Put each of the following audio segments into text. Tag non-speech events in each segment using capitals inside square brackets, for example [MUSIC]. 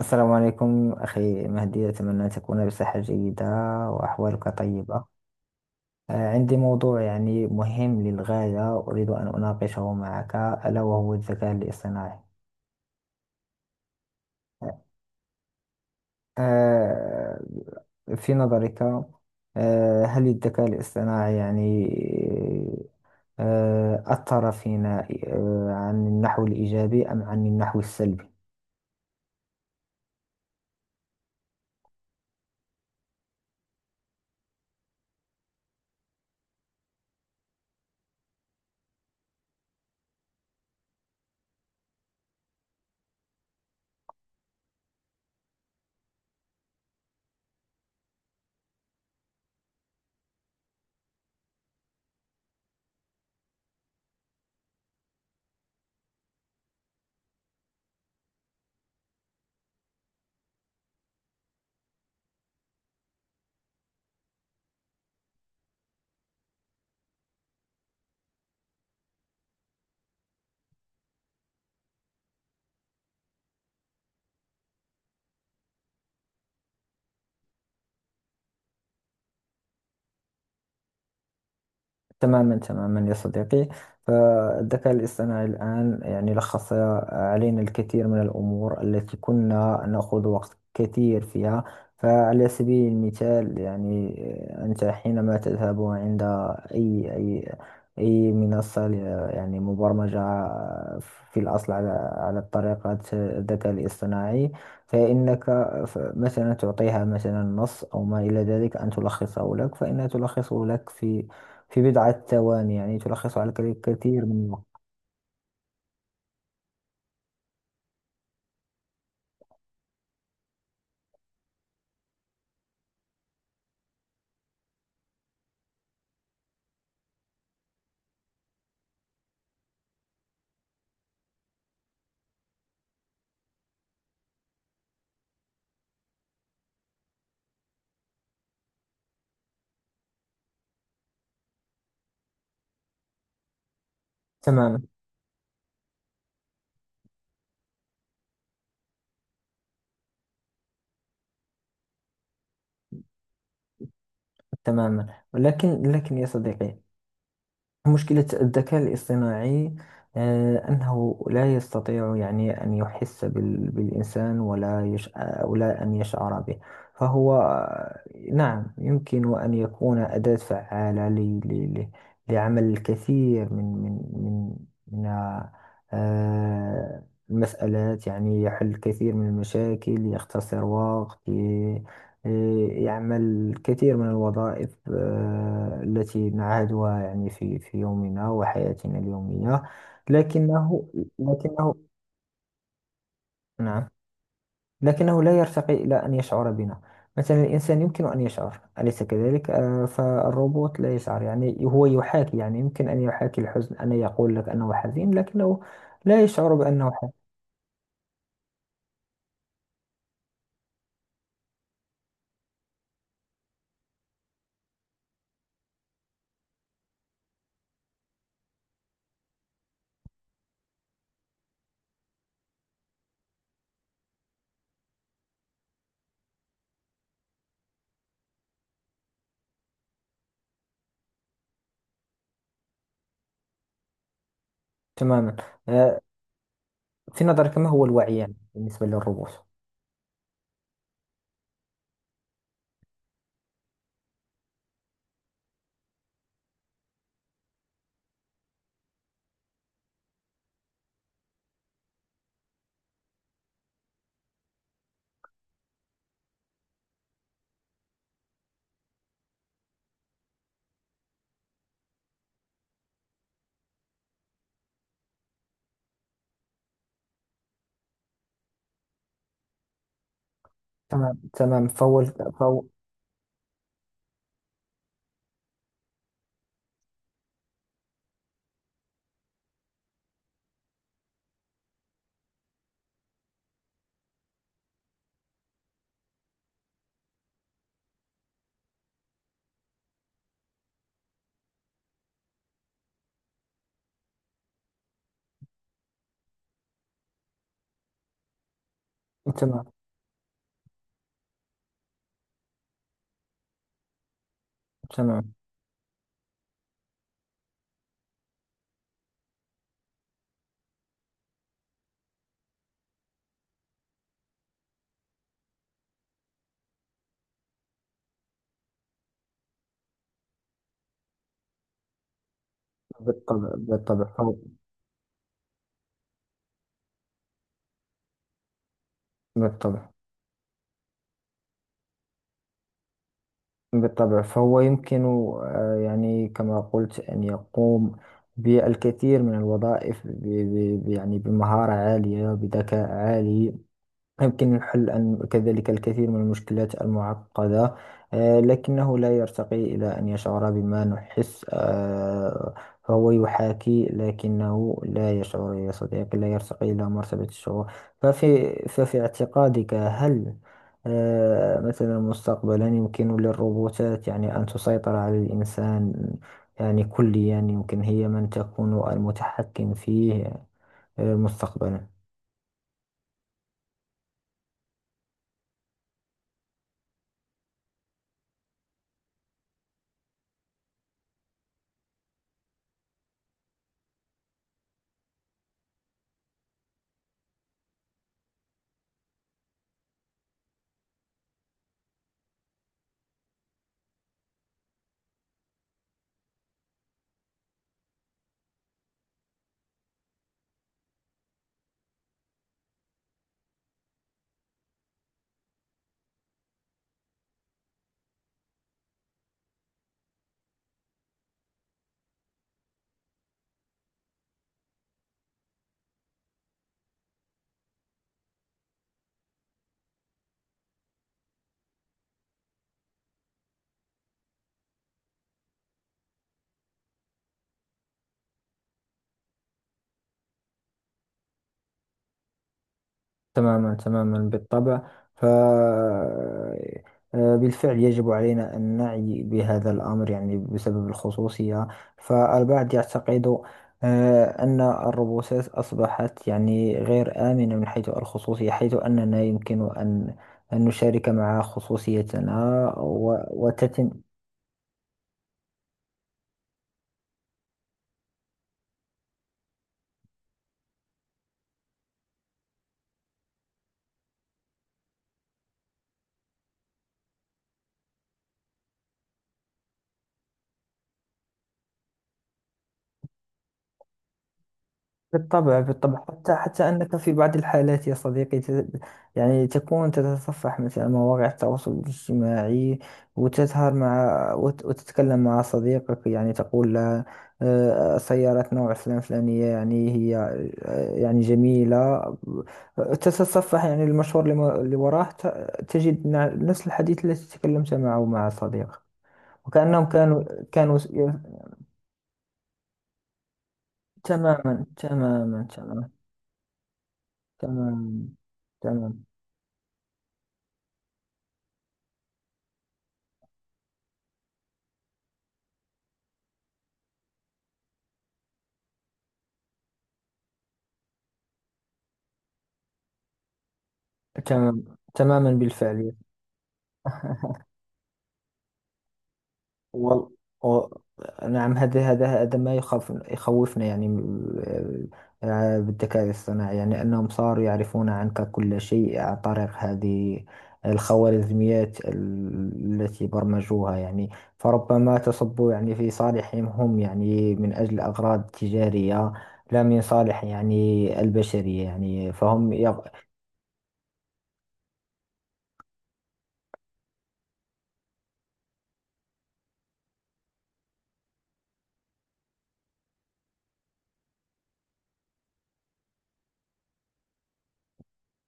السلام عليكم أخي مهدي، أتمنى أن تكون بصحة جيدة وأحوالك طيبة. عندي موضوع يعني مهم للغاية، أريد أن أناقشه معك، ألا وهو الذكاء الاصطناعي. آه، في نظرك هل الذكاء الاصطناعي يعني أثر فينا عن النحو الإيجابي أم عن النحو السلبي؟ تماما تماما يا صديقي، فالذكاء الاصطناعي الآن يعني لخص علينا الكثير من الأمور التي كنا نأخذ وقت كثير فيها. فعلى سبيل المثال يعني، أنت حينما تذهب عند أي أي أي منصة يعني مبرمجة في الأصل على طريقة الذكاء الاصطناعي، فإنك مثلا تعطيها مثلا نص أو ما إلى ذلك أن تلخصه لك، فإنها تلخصه لك في بضعة ثواني. يعني تلخص على كثير من الوقت. تماما تماما، لكن يا صديقي، مشكلة الذكاء الاصطناعي أنه لا يستطيع يعني أن يحس بالإنسان، ولا يش... آه، ولا أن يشعر به. فهو نعم، يمكن أن يكون أداة فعالة ل... لعمل الكثير من آه، المسألات. يعني يحل الكثير من المشاكل، يختصر وقت. إيه، يعمل الكثير من الوظائف التي نعهدها يعني في يومنا وحياتنا اليومية. لكنه لكنه نعم. لكنه لا يرتقي إلى أن يشعر بنا. مثلا الإنسان يمكن أن يشعر، أليس كذلك؟ فالروبوت لا يشعر، يعني هو يحاكي. يعني يمكن أن يحاكي الحزن، أن يقول لك أنه حزين، لكنه لا يشعر بأنه حزين. تماما. آه، في نظرك ما هو الوعي يعني بالنسبة للروبوت؟ تمام تمام، فهو. تمام تمام، بالطبع بالطبع، فهو. بالطبع بالطبع، فهو يمكن يعني كما قلت أن يقوم بالكثير من الوظائف، يعني بمهارة عالية، بذكاء عالي. يمكن الحل أن كذلك الكثير من المشكلات المعقدة. لكنه لا يرتقي إلى أن يشعر بما نحس. فهو يحاكي لكنه لا يشعر يا صديقي، لا يرتقي إلى مرتبة الشعور. ففي اعتقادك، هل مثلا مستقبلا يمكن للروبوتات يعني أن تسيطر على الإنسان؟ يعني كليا، يمكن هي من تكون المتحكم فيه مستقبلا. تماما تماما بالطبع. ف آه، بالفعل يجب علينا أن نعي بهذا الأمر، يعني بسبب الخصوصية. فالبعض يعتقد أن الروبوتات أصبحت يعني غير آمنة من حيث الخصوصية، حيث أننا يمكن أن نشارك مع خصوصيتنا وتتم. بالطبع بالطبع، حتى أنك في بعض الحالات يا صديقي، يعني تكون تتصفح مثلا مواقع التواصل الاجتماعي، وتظهر وتتكلم مع صديقك، يعني تقول له سيارة نوع فلان فلانية، يعني هي يعني جميلة. تتصفح يعني المشهور اللي وراه تجد نفس الحديث الذي تكلمت معه مع صديقك، وكأنهم كانوا تماما تماما تماما. تماما تماما، تمام تماما، بالفعل. [LAUGHS] وال... و... نعم، هذا ما يخوفنا يعني، آه، بالذكاء الصناعي، يعني أنهم صاروا يعرفون عنك كل شيء عن طريق هذه الخوارزميات التي برمجوها. يعني فربما تصب يعني في صالحهم هم، يعني من أجل أغراض تجارية، لا من صالح يعني البشرية. يعني فهم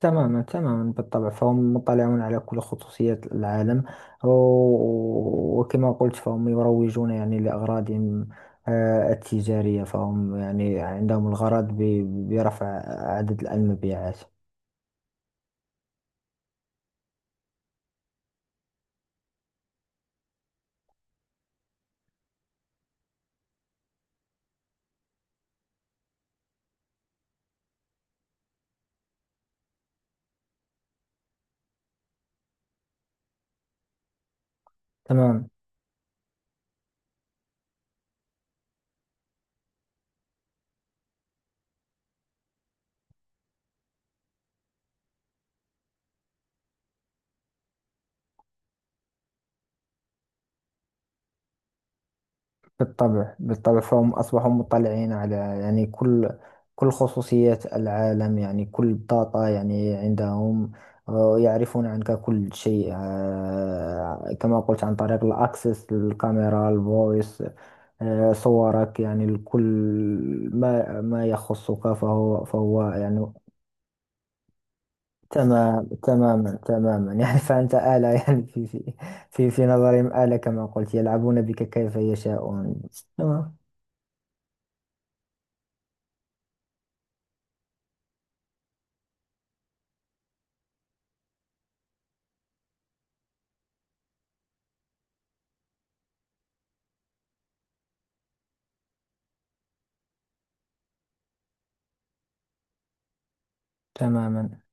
تماما تماما بالطبع، فهم مطلعون على كل خصوصيات العالم. وكما قلت فهم يروجون يعني لأغراضهم التجارية. فهم يعني عندهم الغرض برفع عدد المبيعات. تمام. بالطبع بالطبع، فهم أصبحوا مطلعين على يعني كل خصوصيات العالم، يعني كل بطاقة يعني عندهم. يعرفون عنك كل شيء كما قلت عن طريق الأكسس، الكاميرا، الفويس، صورك، يعني الكل، ما يخصك. فهو يعني. تمام. تماما تماما [LAUGHS] يعني فأنت آلة [LAUGHS] يعني في نظرهم آلة كما قلت، يلعبون بك كيف يشاءون. تمام تماما.